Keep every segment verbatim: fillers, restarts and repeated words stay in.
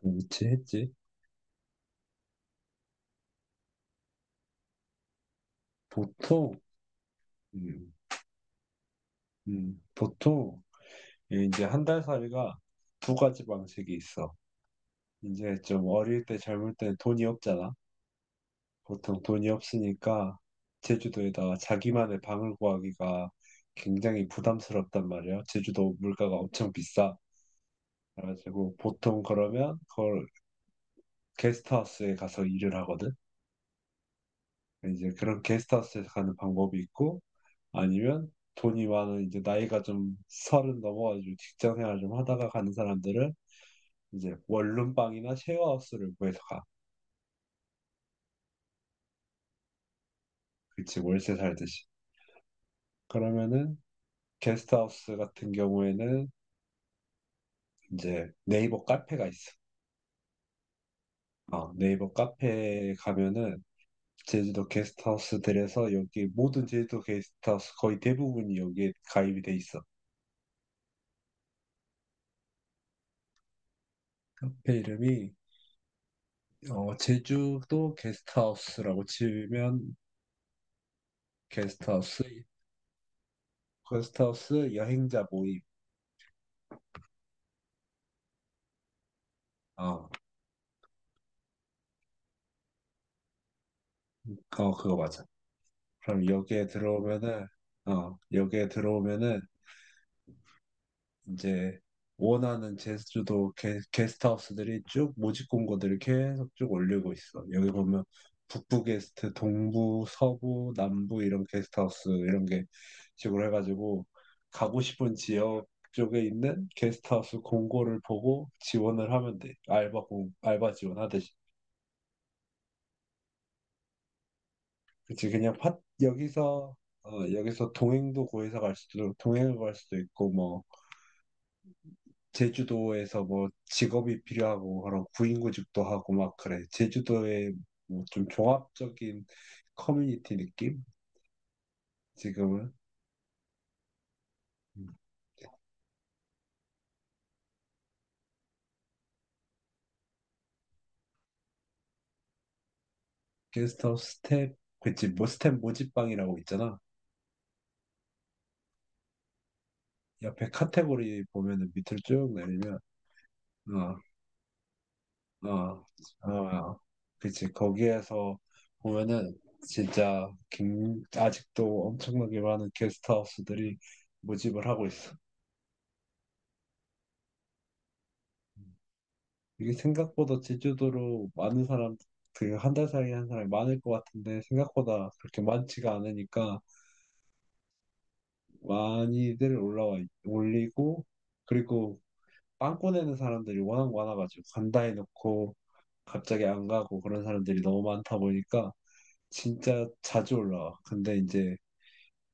그렇지 했지. 보통, 음, 음, 보통 이 이제 한 달 살이가 두 가지 방식이 있어. 이제 좀 어릴 때 젊을 때 돈이 없잖아. 보통 돈이 없으니까 제주도에다가 자기만의 방을 구하기가 굉장히 부담스럽단 말이야. 제주도 물가가 엄청 비싸. 그래가지고 보통 그러면 그걸 게스트하우스에 가서 일을 하거든. 이제 그런 게스트하우스에 가는 방법이 있고, 아니면 돈이 많은 이제 나이가 좀 서른 넘어가지고 직장 생활 좀 하다가 가는 사람들은 이제 원룸방이나 쉐어하우스를 구해서 가. 그치, 월세 살듯이. 그러면은 게스트하우스 같은 경우에는 이제 네이버 카페가 있어. 어, 네이버 카페에 가면은 제주도 게스트하우스들에서, 여기 모든 제주도 게스트하우스 거의 대부분이 여기에 가입이 돼 있어. 카페 이름이 어, 제주도 게스트하우스라고 치면 게스트하우스 거스트하우스 여행자 모임. 어, 그거, 그거 맞아. 그럼 여기에 들어오면은, 어, 여기에 들어오면은 이제 원하는 제주도 게, 게스트하우스들이 쭉 모집 공고들을 계속 쭉 올리고 있어. 여기 보면 북부 게스트, 동부, 서부, 남부 이런 게스트하우스, 이런 게 식으로 해가지고 가고 싶은 지역 쪽에 있는 게스트하우스 공고를 보고 지원을 하면 돼. 알바 공, 알바 지원하듯이. 그치, 그냥 팟, 여기서, 어, 여기서, 동행도 구해서 갈 수도, 동행을 갈 수도 있고, 뭐, 제주도에서 뭐, 직업이 필요하고 그런 구인구직도 하고, 막, 그래. 제주도의 뭐, 좀 종합적인 커뮤니티 느낌? 지금은. 음. 게스트하우스 스텝, 그치, 뭐, 스텝 모집방이라고 있잖아. 옆에 카테고리 보면은 밑으로 쭉 내리면, 어, 어, 어, 그치. 거기에서 보면은 진짜 김, 아직도 엄청나게 많은 게스트하우스들이 모집을 하고 있어. 이게 생각보다 제주도로 많은 사람, 그 한 달 사이에 한 사람이 많을 것 같은데 생각보다 그렇게 많지가 않으니까 많이들 올라와, 올리고. 그리고 빵꾸 내는 사람들이 워낙 많아가지고 간다 해놓고 갑자기 안 가고, 그런 사람들이 너무 많다 보니까 진짜 자주 올라와. 근데 이제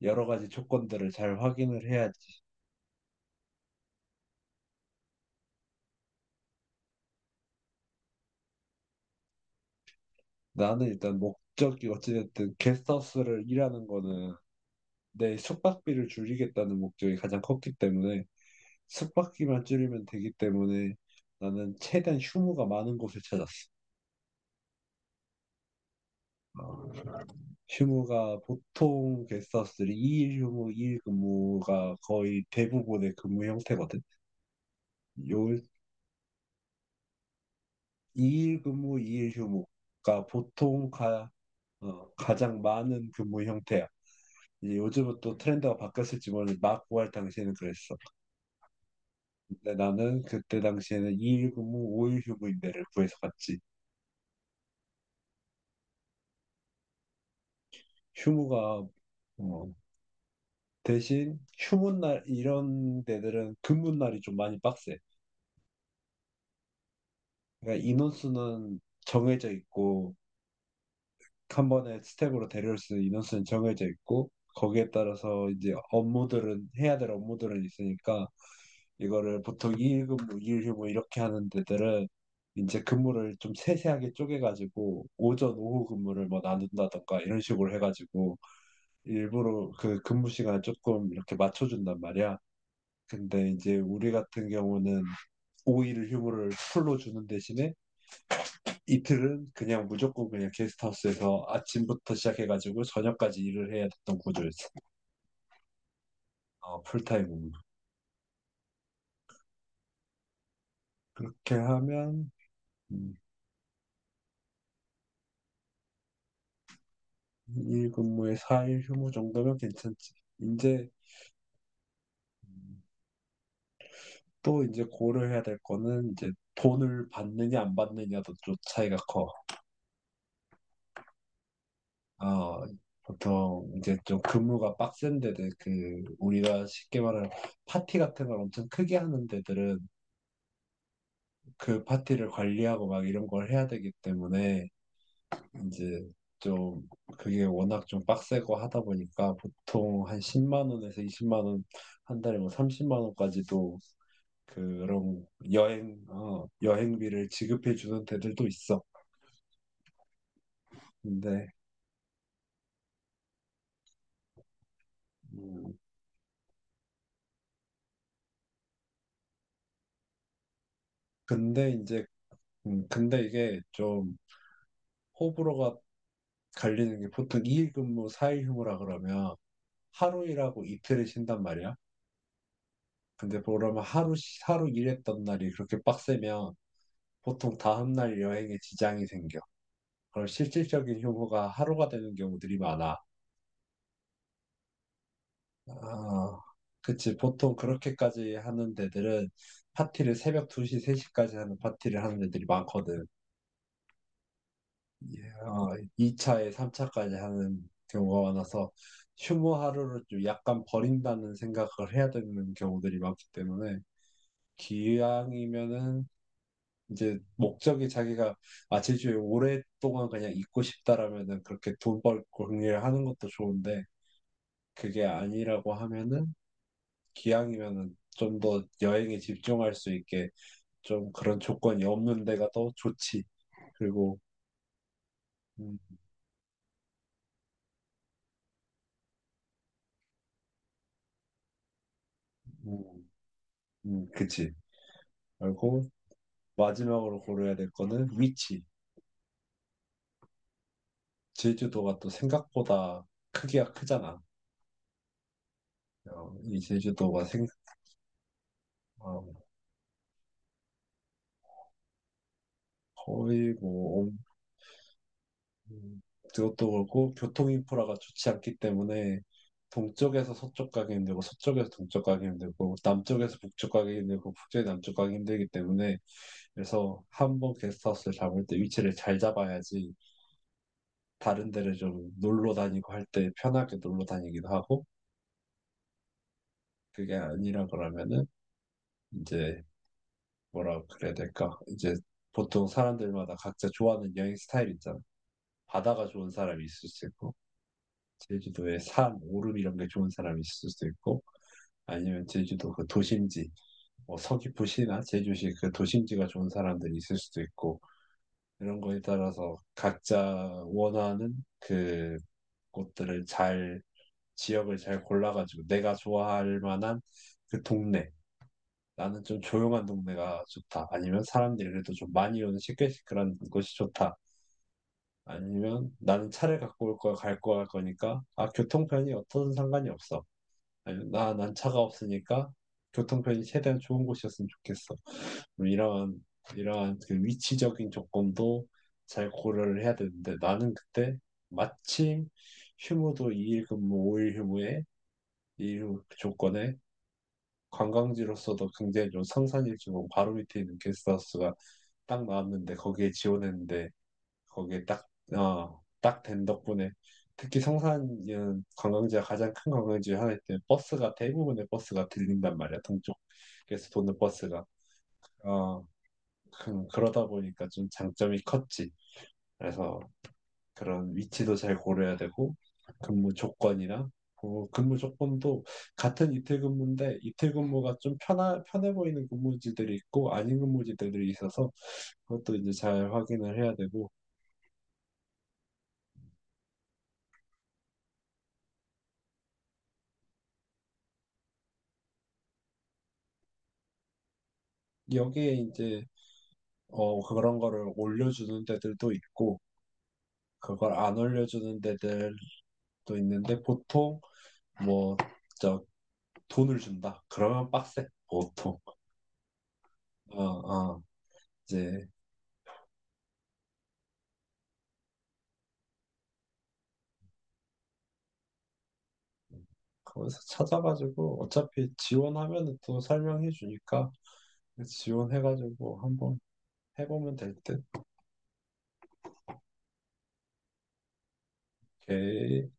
여러 가지 조건들을 잘 확인을 해야지. 나는 일단 목적이, 어찌됐든 게스트하우스를 일하는 거는 내 숙박비를 줄이겠다는 목적이 가장 컸기 때문에, 숙박비만 줄이면 되기 때문에 나는 최대한 휴무가 많은 곳을 찾았어. 어, 휴무가 보통 게스트하우스들이 이 일 휴무, 이 일 근무가 거의 대부분의 근무 형태거든. 요 이 일 근무, 이 일 휴무가 보통 가, 어, 가장 많은 근무 형태야. 이제 요즘은 또 트렌드가 바뀌었을지 모르는데, 막 구할 당시에는 그랬어. 근데 나는 그때 당시에는 이 일 근무, 오 일 휴무 임대를 구해서 갔지. 휴무가 어, 대신 휴무 날, 이런 데들은 근무 날이 좀 많이 빡세. 그러니까 인원수는 정해져 있고, 한 번에 스텝으로 데려올 수 있는 인원수는 정해져 있고, 거기에 따라서 이제 업무들은 해야 될 업무들은 있으니까 이거를 보통 이 일 근무이 휴무 이렇게 하는 데들은 이제 근무를 좀 세세하게 쪼개가지고 오전, 오후 근무를 뭐 나눈다던가 이런 식으로 해가지고 일부러 그 근무 시간 조금 이렇게 맞춰준단 말이야. 근데 이제 우리 같은 경우는 오 일 휴무를 풀로 주는 대신에 이틀은 그냥 무조건 그냥 게스트하우스에서 아침부터 시작해가지고 저녁까지 일을 해야 됐던 구조였어. 어, 풀타임으로. 그렇게 하면, 음, 이 일 근무에 사 일 휴무 정도면 괜찮지. 이제 음, 또 이제 고려해야 될 거는 이제 돈을 받느냐 안 받느냐도 좀 차이가 커. 어, 보통 이제 좀 근무가 빡센 데들, 그 우리가 쉽게 말하는 파티 같은 걸 엄청 크게 하는 데들은 그 파티를 관리하고 막 이런 걸 해야 되기 때문에 이제 좀, 그게 워낙 좀 빡세고 하다 보니까 보통 한 십만 원에서 이십만 원, 한 달에 뭐 삼십만 원까지도, 그런 여행 어, 여행비를 지급해 주는 데들도 있어. 근데 음, 근데 이제 음, 근데 이게 좀 호불호가 갈리는 게, 보통 이 일 근무 사 일 휴무라 그러면 하루 일하고 이틀을 쉰단 말이야. 근데 그러면 하루 쉬- 하루 일했던 날이 그렇게 빡세면 보통 다음 날 여행에 지장이 생겨. 그럼 실질적인 휴무가 하루가 되는 경우들이 많아. 아, 그치. 보통 그렇게까지 하는 데들은 파티를 새벽 두 시, 세 시까지 하는 파티를 하는 데들이 많거든. 예, 어, 이 차에 삼 차까지 하는 경우가 많아서 휴무 하루를 좀 약간 버린다는 생각을 해야 되는 경우들이 많기 때문에 기왕이면은 이제 목적이 자기가 아, 제주에 오랫동안 그냥 있고 싶다라면은 그렇게 돈 벌고 정리를 하는 것도 좋은데, 그게 아니라고 하면은 기왕이면은 좀 더 여행에 집중할 수 있게, 좀 그런 조건이 없는 데가 더 좋지. 그리고 음, 음, 음, 그치. 그리고 마지막으로 고려해야 될 거는 위치. 제주도가 또 생각보다 크기가 크잖아. 어, 이 제주도가 생, 어, 거의 뭐 엄- 음, 그것도 그렇고 교통 인프라가 좋지 않기 때문에 동쪽에서 서쪽 가기 힘들고, 서쪽에서 동쪽 가기 힘들고, 남쪽에서 북쪽 가기 힘들고, 북쪽에서 남쪽 가기 힘들기 때문에, 그래서 한번 게스트하우스를 잡을 때 위치를 잘 잡아야지 다른 데를 좀 놀러 다니고 할 때 편하게 놀러 다니기도 하고, 그게 아니라 그러면은 이제, 뭐라 그래야 될까? 이제 보통 사람들마다 각자 좋아하는 여행 스타일 있잖아. 바다가 좋은 사람이 있을 수 있고, 제주도에 산, 오름 이런 게 좋은 사람이 있을 수도 있고, 아니면 제주도 그 도심지, 뭐 서귀포시나 제주시 그 도심지가 좋은 사람들이 있을 수도 있고, 이런 거에 따라서 각자 원하는 그 곳들을 잘, 지역을 잘 골라가지고 내가 좋아할 만한 그 동네. 나는 좀 조용한 동네가 좋다, 아니면 사람들이 그래도 좀 많이 오는 시끌시끌한 곳이 좋다, 아니면 나는 차를 갖고 올 거야, 갈 거야 할 거니까 아, 교통편이 어떤 상관이 없어, 아니면 나, 난 차가 없으니까 교통편이 최대한 좋은 곳이었으면 좋겠어. 뭐 이러한, 이러한 그 위치적인 조건도 잘 고려를 해야 되는데, 나는 그때 마침 휴무도 이 일 근무, 오 일 휴무에 이 조건에 관광지로서도 굉장히 좀 성산일주공 바로 밑에 있는 게스트하우스가 딱 나왔는데 거기에 지원했는데 거기에 딱, 어, 딱 된 덕분에, 특히 성산은 관광지가, 가장 큰 관광지 하나 있기 때문에 버스가 대부분의 버스가 들린단 말이야, 동쪽에서 도는 버스가. 어, 그- 그러다 보니까 좀 장점이 컸지. 그래서 그런 위치도 잘 고려해야 되고, 근무 조건이나 어, 근무 조건도 같은 이틀 근무인데 이틀 근무가 좀 편하, 편해 보이는 근무지들이 있고 아닌 근무지들이 있어서 그것도 이제 잘 확인을 해야 되고, 여기에 이제 어, 그런 거를 올려주는 데들도 있고 그걸 안 올려주는 데들도 있는데, 보통 뭐, 저, 돈을 준다 그러면 빡세, 보통. 어, 어, 이제 거기서 찾아가지고 어차피 지원하면 또 설명해 주니까, 지원해가지고 한번 해보면 될 듯. 오케이.